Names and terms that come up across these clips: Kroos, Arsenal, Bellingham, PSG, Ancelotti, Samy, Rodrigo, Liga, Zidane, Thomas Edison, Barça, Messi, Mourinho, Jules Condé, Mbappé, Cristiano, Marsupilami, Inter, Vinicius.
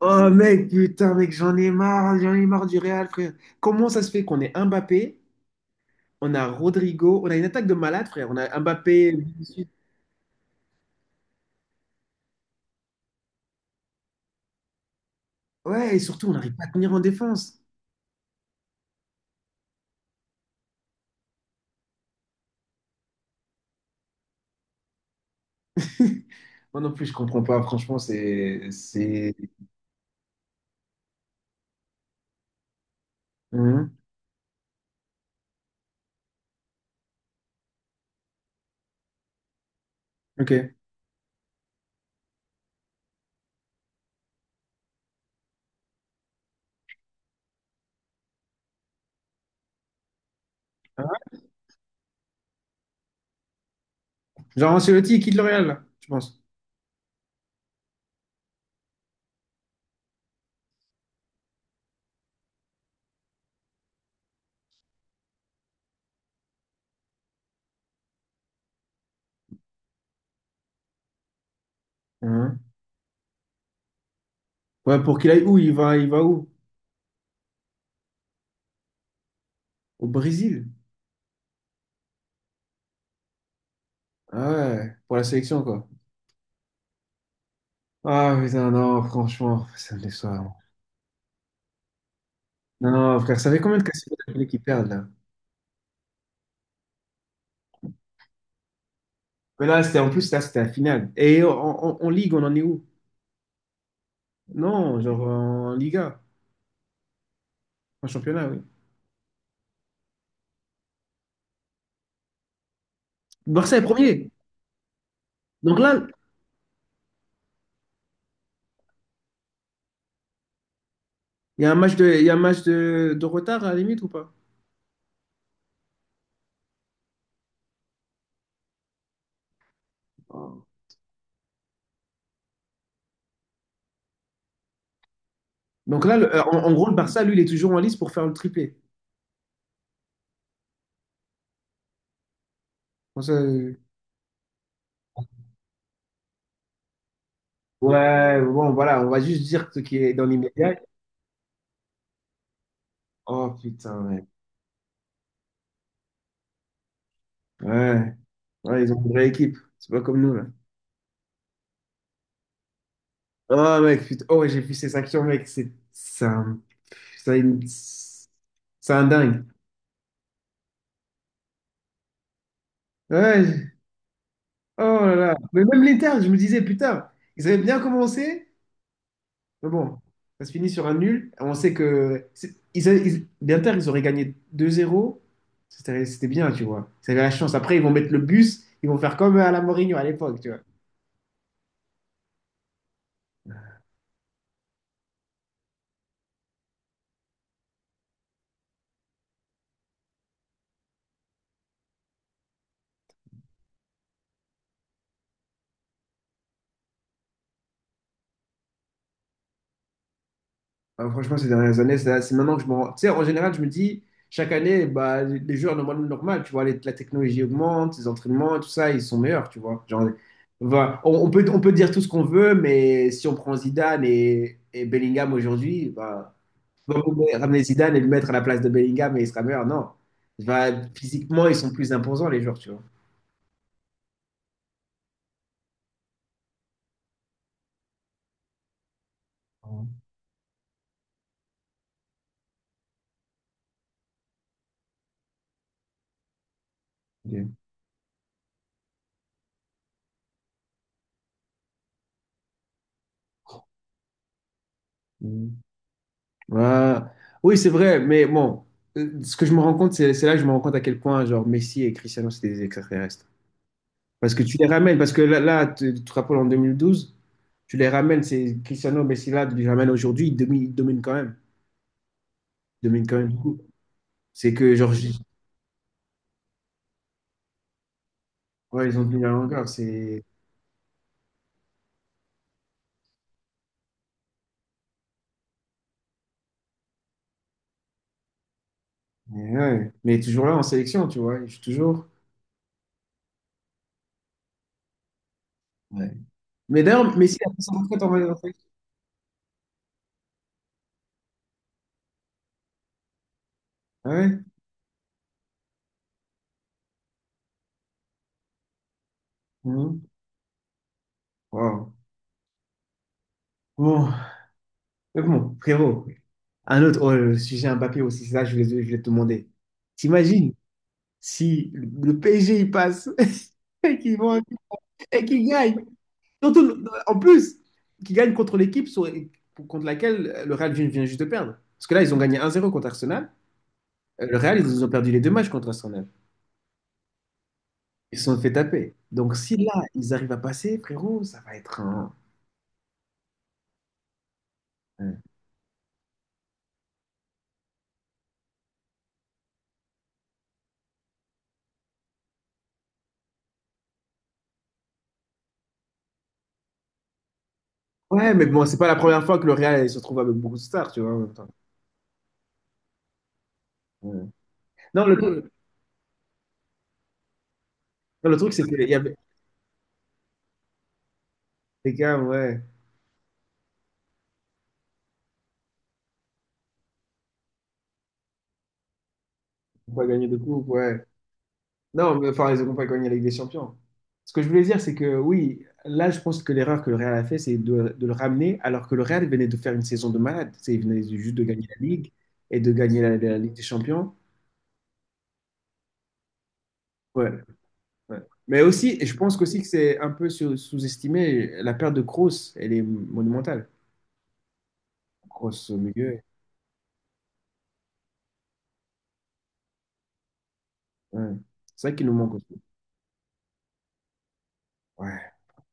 Oh mec, putain, mec, j'en ai marre du Real, frère. Comment ça se fait qu'on ait Mbappé, on a Rodrigo, on a une attaque de malade, frère. On a Mbappé, Vinicius. Ouais, et surtout, on n'arrive pas à tenir en défense. Moi non plus, je comprends pas. Franchement, c'est. Hum. Ok. Hein. Genre Ancelotti, il quitte le Real, là, je pense. Hein. Ouais, pour qu'il aille où? Il va où? Au Brésil. Ah ouais, pour la sélection, quoi. Ah putain, non, franchement, ça me déçoit. Non, frère, ça fait combien de casse-tête qui perdent, là? Mais là, c'était en plus, là, c'était la finale. Et en Ligue, on en est où? Non, genre en Liga, en championnat, oui. Barça est premier. Donc là, il y a un match de, il y a un match de retard à la limite ou pas? Donc là, en gros, le Barça, lui, il est toujours en lice pour faire le triplé. Bon, ça, ouais, bon, voilà, on va juste dire ce qui est dans l'immédiat. Oh putain, mec. Ouais. Ouais, ils ont une vraie équipe. C'est pas comme nous, là. Oh, mec, putain. Oh, ouais, j'ai vu ces actions, mec. C'est un, c'est une- c'est un dingue. Ouais. Oh là là. Mais même l'Inter, je me disais, putain, ils avaient bien commencé, mais bon, ça se finit sur un nul. On sait que l'Inter, ils auraient gagné 2-0. C'était bien, tu vois. Ils avaient la chance. Après, ils vont mettre le bus, ils vont faire comme à la Mourinho à l'époque, tu vois. Ah, franchement, ces dernières années, c'est maintenant que je me rends. Tu sais, en général, je me dis, chaque année, bah, les joueurs, normal, normal, tu vois, la technologie augmente, les entraînements, tout ça, ils sont meilleurs, tu vois. Genre, voilà. On peut dire tout ce qu'on veut, mais si on prend Zidane et Bellingham aujourd'hui, bah, tu vas pas ramener Zidane et le mettre à la place de Bellingham et il sera meilleur, non. Bah, physiquement, ils sont plus imposants, les joueurs, tu vois. Ouais. Ok. Mhm. Ouais. Oui, c'est vrai, mais bon, ce que je me rends compte, c'est là que je me rends compte à quel point genre Messi et Cristiano, c'est des extraterrestres. Parce que tu les ramènes, parce que là, tu te rappelles en 2012, tu les ramènes, c'est Cristiano, Messi là, tu les ramènes aujourd'hui, ils dominent quand même. Ils dominent quand même beaucoup. C'est que genre, ouais, ils ont tenu la longueur, c'est... Mais, ouais. Mais toujours là en sélection, tu vois, je suis toujours... Ouais. Mais d'ailleurs, Messi a fait sa retraite en Ah ouais. Mhm. Wow. Bon. Mais bon, frérot, un autre oh, le sujet Mbappé aussi, ça, je voulais te demander. T'imagines si le PSG il passe et qu'ils vont et qu'ils gagnent. Surtout, en plus, qu'ils gagnent contre l'équipe contre laquelle le Real vient juste de perdre. Parce que là, ils ont gagné 1-0 contre Arsenal. Le Real, ils ont perdu les deux matchs contre Arsenal. Ils se sont fait taper. Donc si là, ils arrivent à passer, frérot, ça va être un- Ouais, mais bon, c'est pas la première fois que le Real se retrouve avec beaucoup de stars, tu vois, en même temps. Ouais. Non, non, le truc, c'est qu'il y avait. Les Cavs, ouais. Ils ont pas gagné de coupe, ouais. Non, mais enfin, ils n'ont pas gagné la Ligue des Champions. Ce que je voulais dire, c'est que oui, là, je pense que l'erreur que le Real a fait, c'est de le ramener, alors que le Real venait de faire une saison de malade. Il venait juste de gagner la Ligue et de gagner la Ligue des Champions. Ouais, ouais. Mais aussi, et je pense qu'aussi que c'est un peu sous-estimé, la perte de Kroos, elle est monumentale. Kroos au milieu, ouais. C'est ça qui nous manque aussi. Ouais.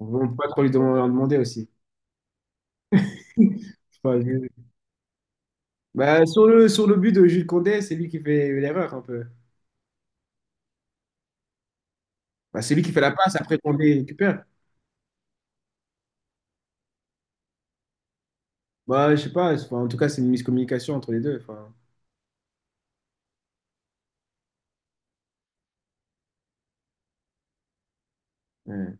On ne peut pas trop lui demander en demander aussi. Enfin, bah, sur le but de Jules Condé, c'est lui qui fait l'erreur un peu. Bah, c'est lui qui fait la passe, après Condé récupère. Bah, je sais pas, enfin, en tout cas, c'est une miscommunication entre les deux. Enfin, ouais.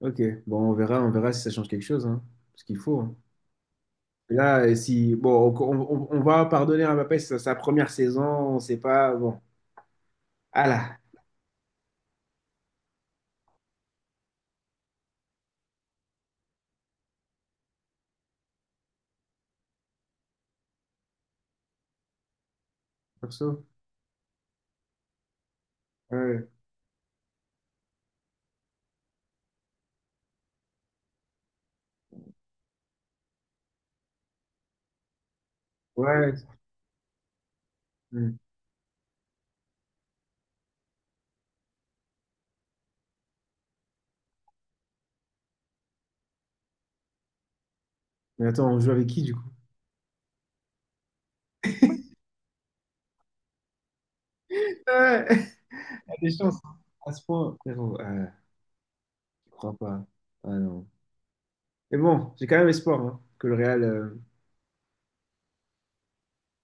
Ok, bon, on verra si ça change quelque chose, hein. Parce qu'il faut, hein. Et là, si, bon, on va pardonner à Mbappé, c'est sa première saison, on sait pas, bon. Ah là, perso, ouais, ouais. Hmm. Mais attends, on joue avec qui du coup? Ouais, a des chances, hein. À ce point, frérot, je crois pas. Ah non. Mais bon, j'ai quand même espoir, hein, que le Real.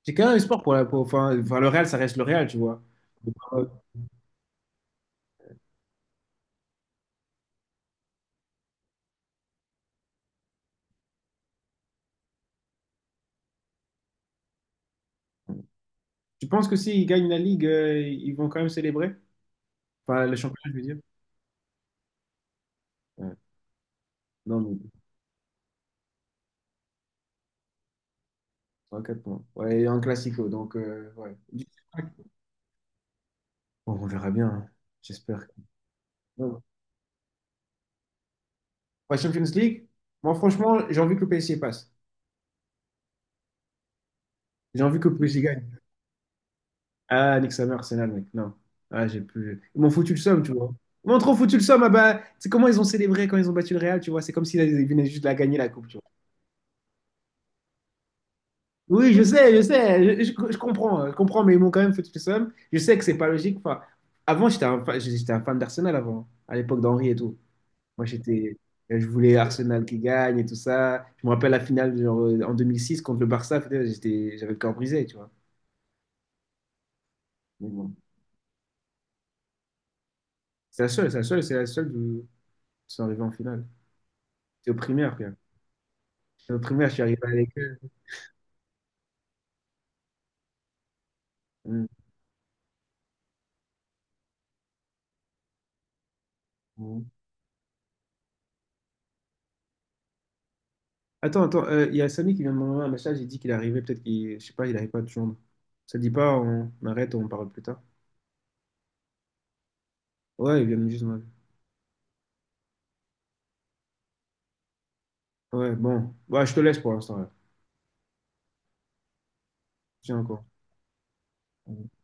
C'est quand même un sport pour enfin, le Real, ça reste le Real, tu vois. Donc, tu penses que s'ils gagnent la Ligue, ils vont quand même célébrer? Enfin, le championnat, je veux dire. Ouais. Non, mais trois quatre points. Ouais, et un classico, donc ouais. Bon, on verra bien, hein. J'espère. Bon. Ouais, Champions League, moi franchement, j'ai envie que le PSG passe. J'ai envie que le PSG gagne. Ah, nique sa mère, Arsenal, mec. Non. Ah, j'ai plus. Ils m'ont foutu le somme, tu vois. Ils m'ont trop foutu le somme. Ah bah, c'est comment ils ont célébré quand ils ont battu le Real, tu vois. C'est comme s'ils venaient juste de la gagner la coupe, tu vois. Oui, je sais, je sais, je comprends, je comprends, mais ils m'ont quand même fait le seum. Je sais que c'est pas logique. Enfin, avant, j'étais un fan d'Arsenal avant, à l'époque d'Henri et tout. Moi, je voulais Arsenal qui gagne et tout ça. Je me rappelle la finale genre, en 2006 contre le Barça. Putain, j'avais le cœur brisé, tu vois. Mais bon, c'est la seule de sont arrivés en finale. J'étais au primaire, frère. J'étais au primaire, je suis arrivé avec eux. Mm. Mm. Attends, attends, il y a Samy qui vient de m'envoyer un message. Il dit qu'il est arrivé, peut-être qu'il, je sais pas, il n'arrive pas de joindre. Ça te dit pas, on arrête, on parle plus tard. Ouais, il vient de juste m'appeler. Ouais, bon. Ouais, je te laisse pour l'instant, là. Tiens encore. Ok.